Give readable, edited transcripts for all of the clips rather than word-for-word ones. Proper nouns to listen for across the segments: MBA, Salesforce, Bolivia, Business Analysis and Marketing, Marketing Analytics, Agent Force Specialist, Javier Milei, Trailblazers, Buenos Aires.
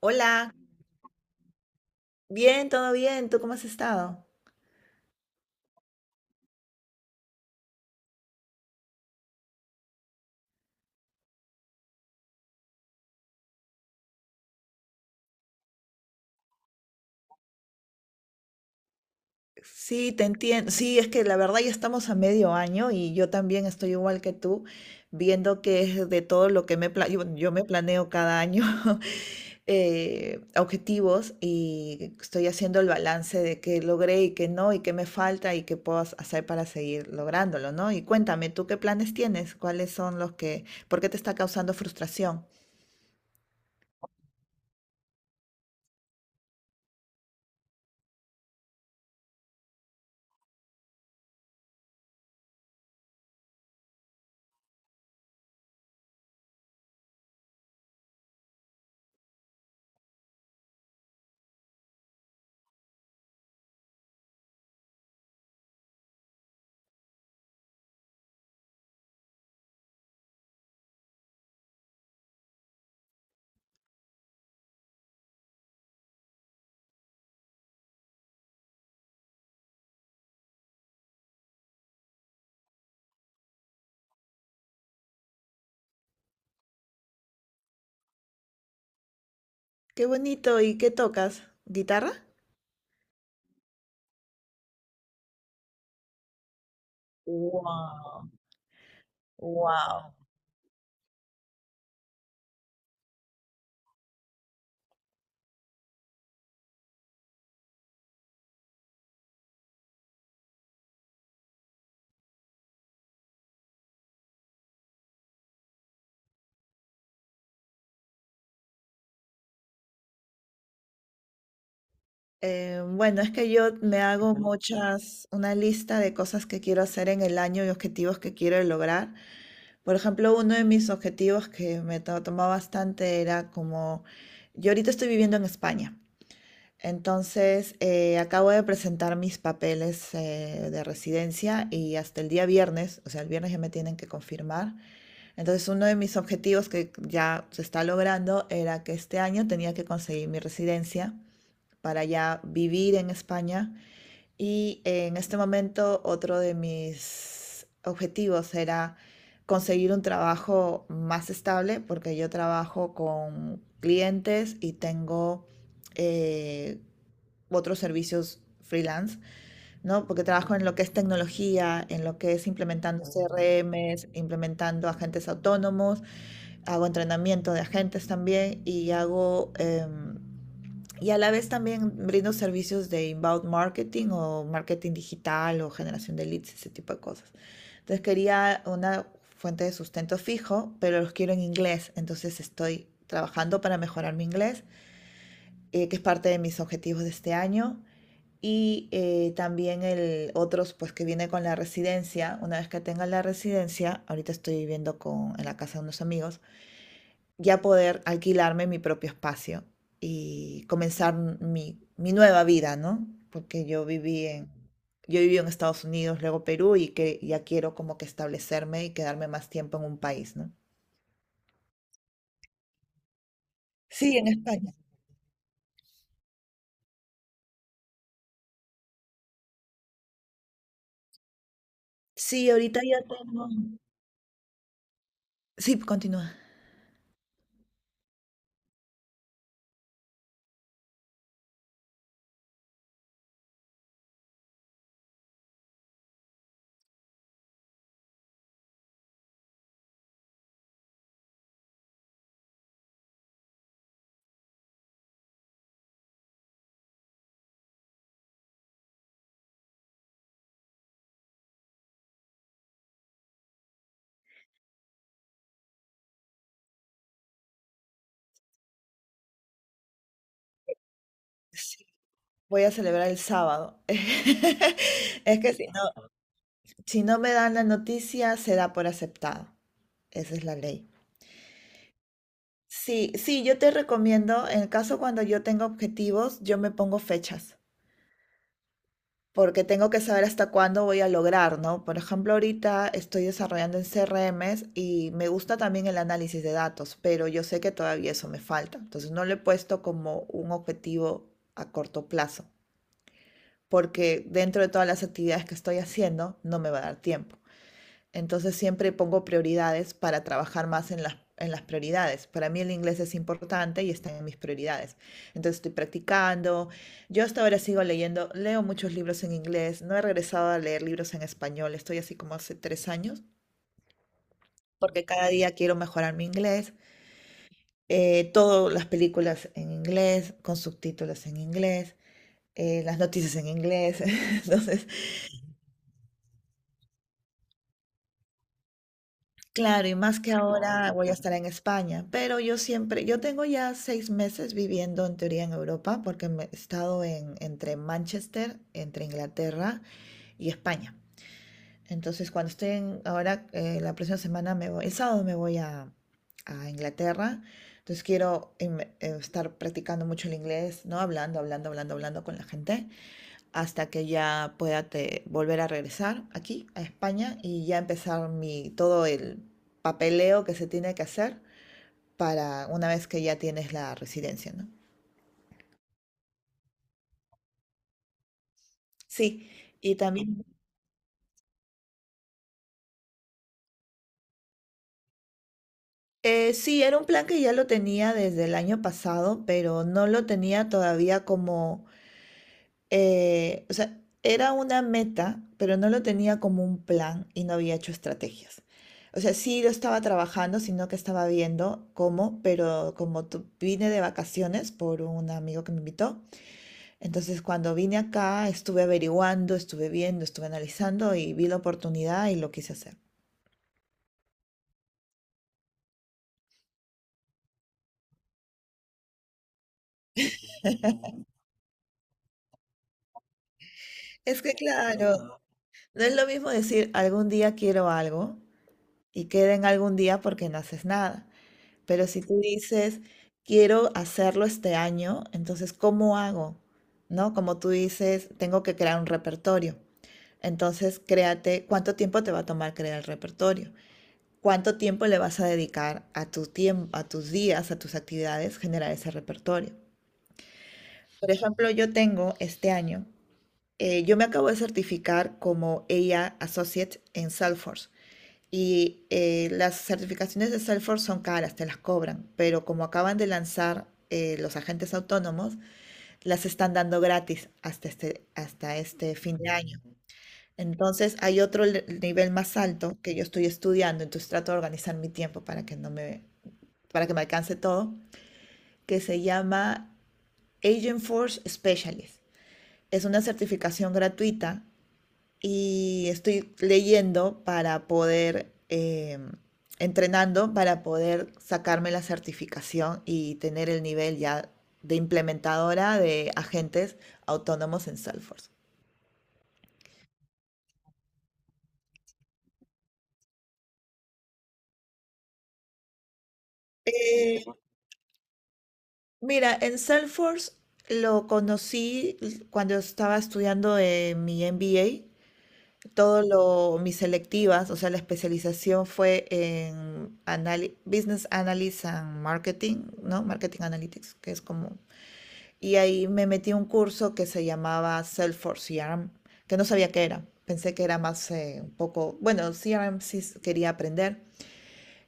Hola, bien, todo bien, ¿tú cómo has estado? Sí, te entiendo. Sí, es que la verdad ya estamos a medio año y yo también estoy igual que tú, viendo que es de todo lo que me yo me planeo cada año objetivos y estoy haciendo el balance de qué logré y qué no y qué me falta y qué puedo hacer para seguir lográndolo, ¿no? Y cuéntame, ¿tú qué planes tienes? ¿Cuáles son los que, por qué te está causando frustración? Qué bonito, ¿y qué tocas? ¿Guitarra? Wow. Wow. Bueno, es que yo me hago muchas, una lista de cosas que quiero hacer en el año y objetivos que quiero lograr. Por ejemplo, uno de mis objetivos que me tomó bastante era como, yo ahorita estoy viviendo en España, entonces acabo de presentar mis papeles de residencia y hasta el día viernes, o sea, el viernes ya me tienen que confirmar. Entonces, uno de mis objetivos que ya se está logrando era que este año tenía que conseguir mi residencia, para ya vivir en España. Y en este momento otro de mis objetivos era conseguir un trabajo más estable porque yo trabajo con clientes y tengo eh, otros servicios freelance, ¿no? Porque trabajo en lo que es tecnología, en lo que es implementando CRMs, implementando agentes autónomos, hago entrenamiento de agentes también y y a la vez también brindo servicios de inbound marketing o marketing digital o generación de leads, ese tipo de cosas. Entonces quería una fuente de sustento fijo, pero los quiero en inglés. Entonces estoy trabajando para mejorar mi inglés, que es parte de mis objetivos de este año. Y también el otros, pues que viene con la residencia. Una vez que tenga la residencia, ahorita estoy viviendo con, en la casa de unos amigos, ya poder alquilarme mi propio espacio y comenzar mi nueva vida, ¿no? Porque yo viví en Estados Unidos, luego Perú, y que ya quiero como que establecerme y quedarme más tiempo en un país, ¿no? Sí, en España. Sí, ahorita ya tengo. Sí, continúa. Sí, voy a celebrar el sábado. Es que si no, si no me dan la noticia, se da por aceptado. Esa es la ley. Sí, sí, yo te recomiendo, en el caso cuando yo tengo objetivos, yo me pongo fechas, porque tengo que saber hasta cuándo voy a lograr, ¿no? Por ejemplo, ahorita estoy desarrollando en CRMs y me gusta también el análisis de datos, pero yo sé que todavía eso me falta, entonces no lo he puesto como un objetivo a corto plazo, porque dentro de todas las actividades que estoy haciendo, no me va a dar tiempo. Entonces siempre pongo prioridades para trabajar más en en las prioridades. Para mí el inglés es importante y está en mis prioridades. Entonces estoy practicando. Yo hasta ahora sigo leyendo, leo muchos libros en inglés. No he regresado a leer libros en español. Estoy así como hace 3 años porque cada día quiero mejorar mi inglés. Todas las películas en inglés, con subtítulos en inglés, las noticias en inglés. Entonces claro, y más que ahora voy a estar en España, pero yo siempre, yo tengo ya 6 meses viviendo en teoría en Europa, porque he estado en, entre Manchester, entre Inglaterra y España. Entonces, cuando estoy en, ahora, la próxima semana me voy, el sábado me voy a Inglaterra, entonces quiero estar practicando mucho el inglés, ¿no? Hablando, hablando, hablando, hablando con la gente hasta que ya pueda volver a regresar aquí a España y ya empezar todo el papeleo que se tiene que hacer para una vez que ya tienes la residencia, ¿no? Sí, y también, sí, era un plan que ya lo tenía desde el año pasado, pero no lo tenía todavía como o sea, era una meta, pero no lo tenía como un plan y no había hecho estrategias. O sea, sí lo estaba trabajando, sino que estaba viendo cómo, pero como vine de vacaciones por un amigo que me invitó, entonces cuando vine acá estuve averiguando, estuve viendo, estuve analizando y vi la oportunidad y lo quise hacer. Es que claro, no es lo mismo decir algún día quiero algo y queda en algún día porque no haces nada. Pero si tú dices, quiero hacerlo este año, entonces, ¿cómo hago? ¿No? Como tú dices, tengo que crear un repertorio. Entonces, créate cuánto tiempo te va a tomar crear el repertorio. ¿Cuánto tiempo le vas a dedicar a tu tiempo, a tus días, a tus actividades, generar ese repertorio? Por ejemplo, yo tengo este año, yo me acabo de certificar como ella Associate en Salesforce. Y las certificaciones de Salesforce son caras, te las cobran, pero como acaban de lanzar los agentes autónomos, las están dando gratis hasta este fin de año. Entonces hay otro nivel más alto que yo estoy estudiando, entonces trato de organizar mi tiempo para que no me, para que me alcance todo, que se llama Agent Force Specialist. Es una certificación gratuita y estoy leyendo para poder, entrenando para poder sacarme la certificación y tener el nivel ya de implementadora de agentes autónomos en Salesforce. Eh, mira, en Salesforce lo conocí cuando estaba estudiando mi MBA. Todo lo, mis selectivas, o sea, la especialización fue en Business Analysis and Marketing, ¿no? Marketing Analytics, que es como. Y ahí me metí a un curso que se llamaba Salesforce CRM, que no sabía qué era. Pensé que era más un poco, bueno, CRM sí quería aprender.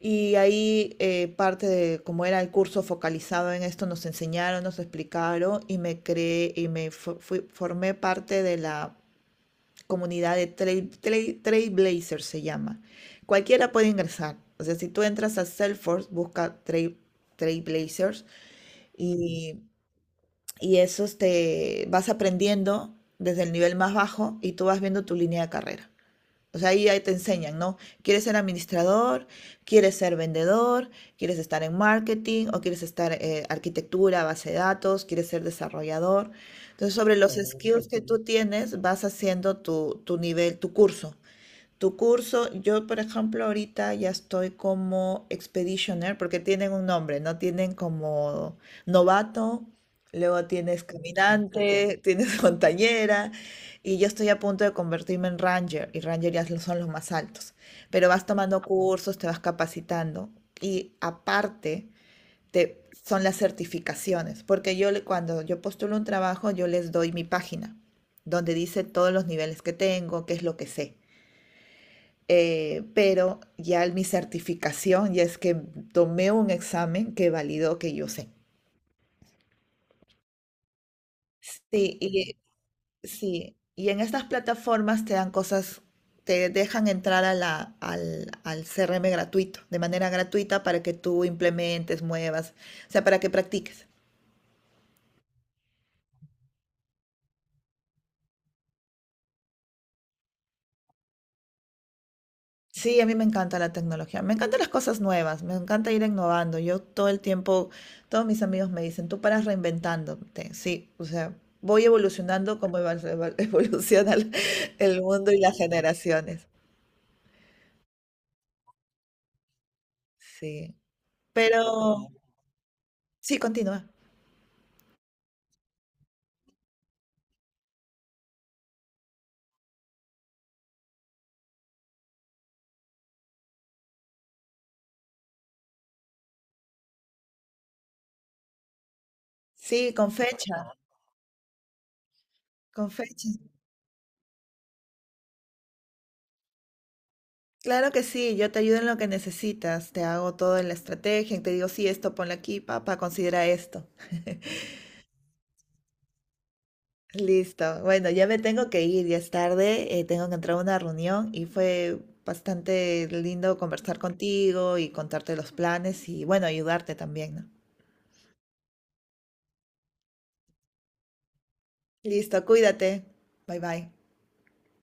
Y ahí parte de como era el curso focalizado en esto, nos enseñaron, nos explicaron y me creé y me formé parte de la comunidad de Trailblazers se llama. Cualquiera puede ingresar. O sea, si tú entras a Salesforce, busca Trailblazers y y eso te vas aprendiendo desde el nivel más bajo y tú vas viendo tu línea de carrera. O sea, ahí te enseñan, ¿no? ¿Quieres ser administrador? ¿Quieres ser vendedor? ¿Quieres estar en marketing? ¿O quieres estar en arquitectura, base de datos? ¿Quieres ser desarrollador? Entonces, sobre los skills que tú tienes, vas haciendo tu nivel, tu curso. Tu curso, yo por ejemplo ahorita ya estoy como expeditioner porque tienen un nombre, ¿no? Tienen como novato, luego tienes caminante, tienes montañera y yo estoy a punto de convertirme en ranger y ranger ya son los más altos. Pero vas tomando cursos, te vas capacitando y aparte te, son las certificaciones porque yo cuando yo postulo un trabajo yo les doy mi página donde dice todos los niveles que tengo, qué es lo que sé. Pero ya mi certificación, ya es que tomé un examen que validó que yo sé. Sí, y, sí, y en estas plataformas te dan cosas, te dejan entrar a al CRM gratuito, de manera gratuita para que tú implementes, muevas, o sea, para que practiques. Sí, a mí me encanta la tecnología, me encantan las cosas nuevas, me encanta ir innovando. Yo todo el tiempo, todos mis amigos me dicen, tú paras reinventándote. Sí, o sea, voy evolucionando como evoluciona el mundo y las generaciones. Sí, pero sí, continúa. Sí, con fecha, con fecha. Claro que sí, yo te ayudo en lo que necesitas, te hago toda la estrategia, y te digo, sí, esto ponle aquí, papá, considera esto. Listo. Bueno, ya me tengo que ir, ya es tarde, tengo que entrar a una reunión y fue bastante lindo conversar contigo y contarte los planes y bueno, ayudarte también, ¿no? Listo, cuídate. Bye bye.